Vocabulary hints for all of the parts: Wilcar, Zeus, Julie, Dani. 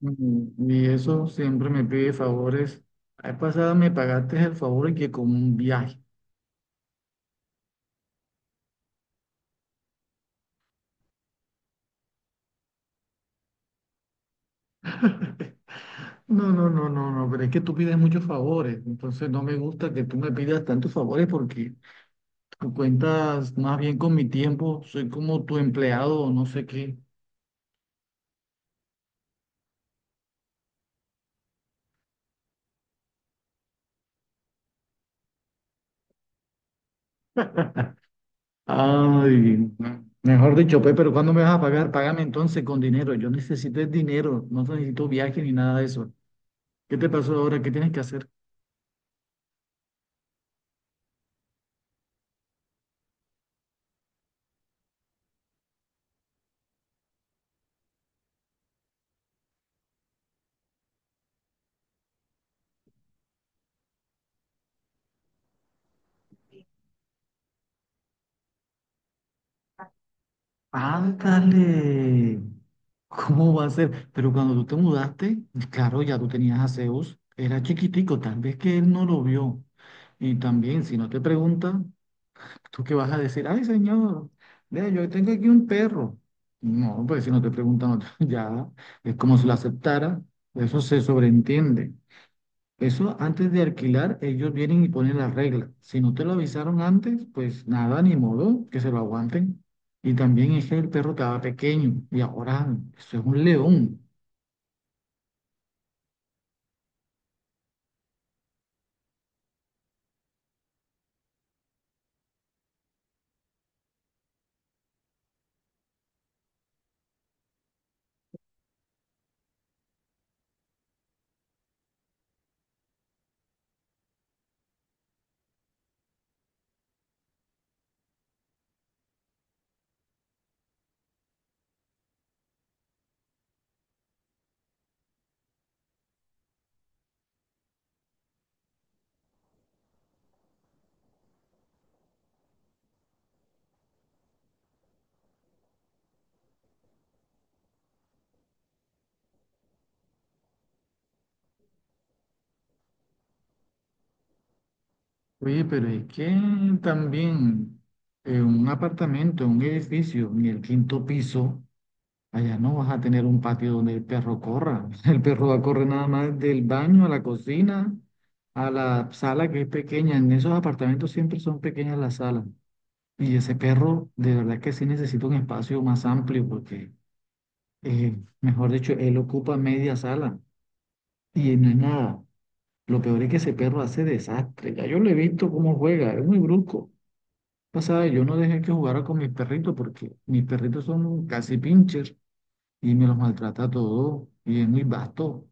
Mm. Y eso siempre me pide favores. La vez pasada me pagaste el favor y que con un viaje. No, no, no, no, no, pero es que tú pides muchos favores. Entonces no me gusta que tú me pidas tantos favores porque tú cuentas más bien con mi tiempo. Soy como tu empleado o no sé qué. Ay, no. Mejor dicho, pues, pero ¿cuándo me vas a pagar? Págame entonces con dinero. Yo necesito el dinero. No necesito viaje ni nada de eso. ¿Qué te pasó ahora? ¿Qué tienes que hacer? Ándale. ¿Cómo va a ser? Pero cuando tú te mudaste, claro, ya tú tenías a Zeus, era chiquitico, tal vez que él no lo vio. Y también, si no te pregunta, ¿tú qué vas a decir? Ay, señor, vea, yo tengo aquí un perro. No, pues si no te preguntan, no te- ya es como si lo aceptara, eso se sobreentiende. Eso antes de alquilar, ellos vienen y ponen las reglas. Si no te lo avisaron antes, pues nada, ni modo, que se lo aguanten. Y también es que el perro estaba pequeño y ahora eso es un león. Oye, pero es que también en un apartamento, en un edificio, en el quinto piso, allá no vas a tener un patio donde el perro corra. El perro va a correr nada más del baño a la cocina, a la sala que es pequeña. En esos apartamentos siempre son pequeñas las salas. Y ese perro, de verdad que sí necesita un espacio más amplio porque, eh, mejor dicho, él ocupa media sala y no es nada. Lo peor es que ese perro hace desastre. Ya yo lo he visto cómo juega, es muy brusco. Pasada, yo no dejé que jugara con mis perritos porque mis perritos son casi pinchers y me los maltrata todo y es muy vasto.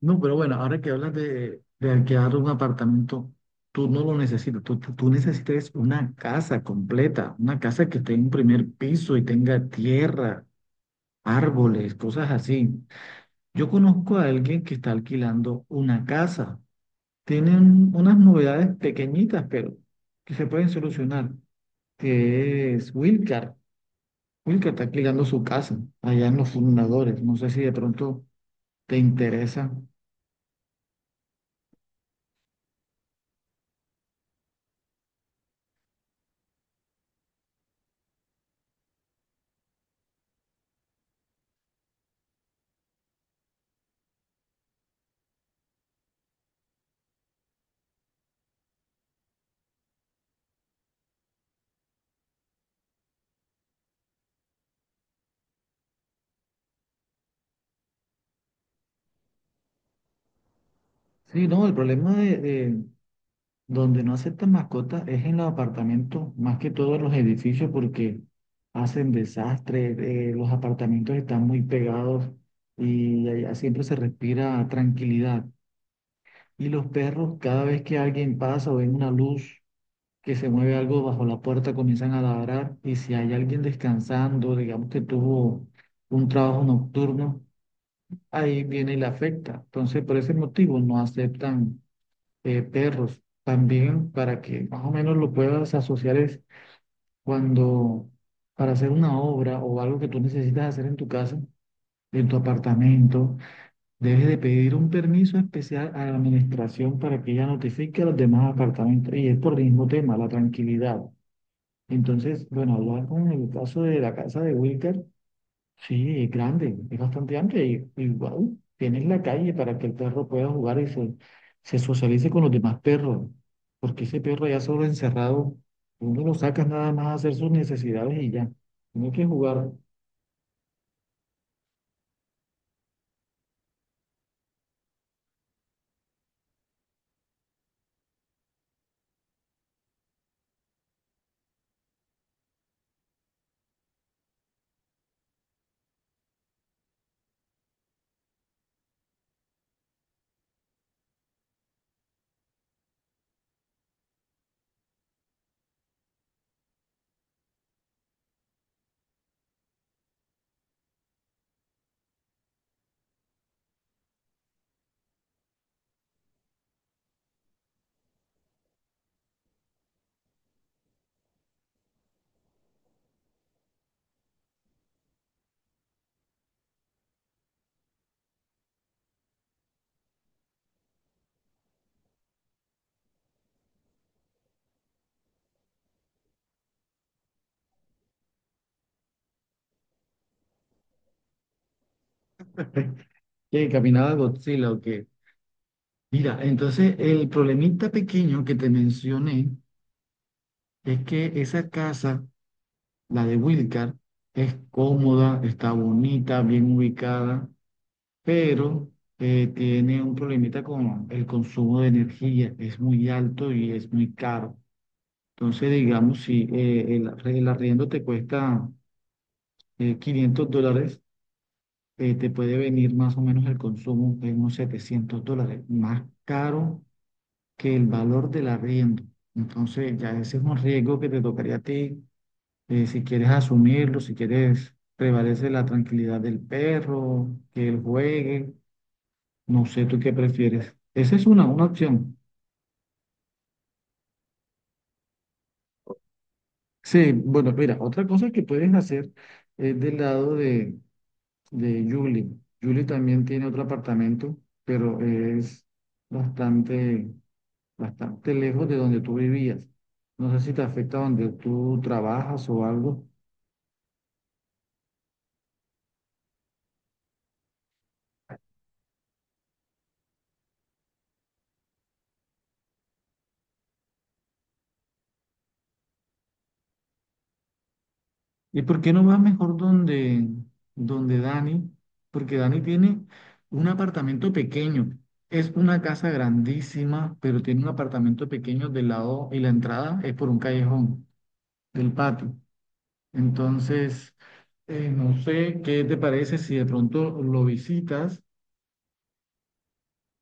No, pero bueno, ahora que hablas de alquilar un apartamento, tú no lo necesitas, tú necesitas es una casa completa, una casa que tenga un primer piso y tenga tierra, árboles, cosas así. Yo conozco a alguien que está alquilando una casa. Tienen unas novedades pequeñitas, pero que se pueden solucionar, que es Wilcar. Wilcar está alquilando su casa allá en los fundadores. No sé si de pronto te interesa. Sí, no, el problema de- donde no aceptan mascotas es en los apartamentos, más que todos los edificios, porque hacen desastres, los apartamentos están muy pegados y allá siempre se respira tranquilidad. Y los perros, cada vez que alguien pasa o ven una luz que se mueve algo bajo la puerta, comienzan a ladrar. Y si hay alguien descansando, digamos que tuvo un trabajo nocturno, ahí viene y le afecta. Entonces, por ese motivo no aceptan perros. También para que más o menos lo puedas asociar es cuando para hacer una obra o algo que tú necesitas hacer en tu casa, en tu apartamento, debes de pedir un permiso especial a la administración para que ella notifique a los demás apartamentos. Y es por el mismo tema, la tranquilidad. Entonces, bueno, hablar con el caso de la casa de Wilker, sí, es grande, es bastante amplia y guau, tienes la calle para que el perro pueda jugar y se socialice con los demás perros, porque ese perro ya solo encerrado, uno lo saca nada más a hacer sus necesidades y ya, tiene que jugar. Que caminaba Godzilla o qué. Mira, entonces el problemita pequeño que te mencioné es que esa casa, la de Wilcar, es cómoda, está bonita, bien ubicada pero tiene un problemita con el consumo de energía, es muy alto y es muy caro. Entonces, digamos, si el arriendo te cuesta $500, te puede venir más o menos el consumo en unos $700, más caro que el valor del arriendo. Entonces, ya ese es un riesgo que te tocaría a ti, si quieres asumirlo, si quieres prevalece la tranquilidad del perro, que él juegue. No sé tú qué prefieres. Esa es una opción. Sí, bueno, mira, otra cosa que puedes hacer es del lado de Julie. Julie también tiene otro apartamento, pero es bastante, bastante lejos de donde tú vivías. No sé si te afecta donde tú trabajas o algo. ¿Y por qué no vas mejor donde Dani? Porque Dani tiene un apartamento pequeño. Es una casa grandísima, pero tiene un apartamento pequeño del lado y la entrada es por un callejón del patio. Entonces, no sé qué te parece si de pronto lo visitas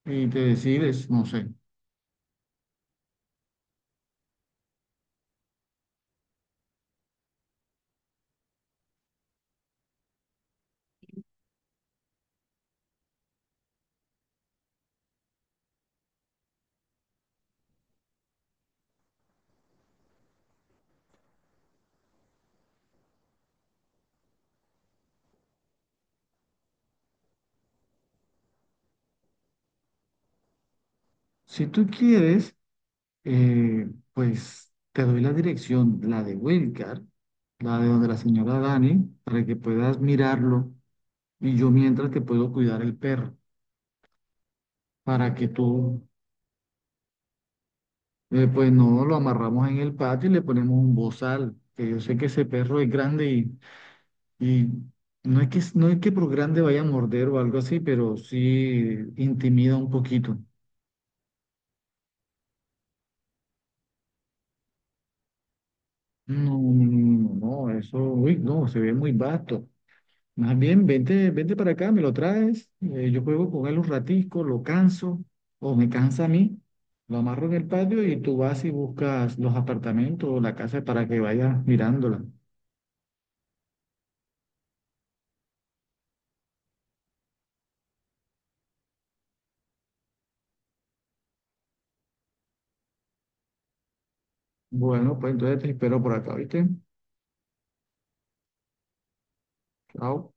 y te decides, no sé. Si tú quieres, eh, pues te doy la dirección, la de Wilcar, la de donde la señora Dani, para que puedas mirarlo. Y yo mientras te puedo cuidar el perro, para que tú, pues no lo amarramos en el patio y le ponemos un bozal, que yo sé que ese perro es grande y no es que por grande vaya a morder o algo así, pero sí intimida un poquito. No, no, no, no, no, eso, uy, no, se ve muy vasto. Más bien, vente, vente para acá, me lo traes, yo juego con él un ratico, lo canso, o me cansa a mí, lo amarro en el patio y tú vas y buscas los apartamentos o la casa para que vayas mirándola. Bueno, pues entonces te espero por acá, ¿viste? Chao.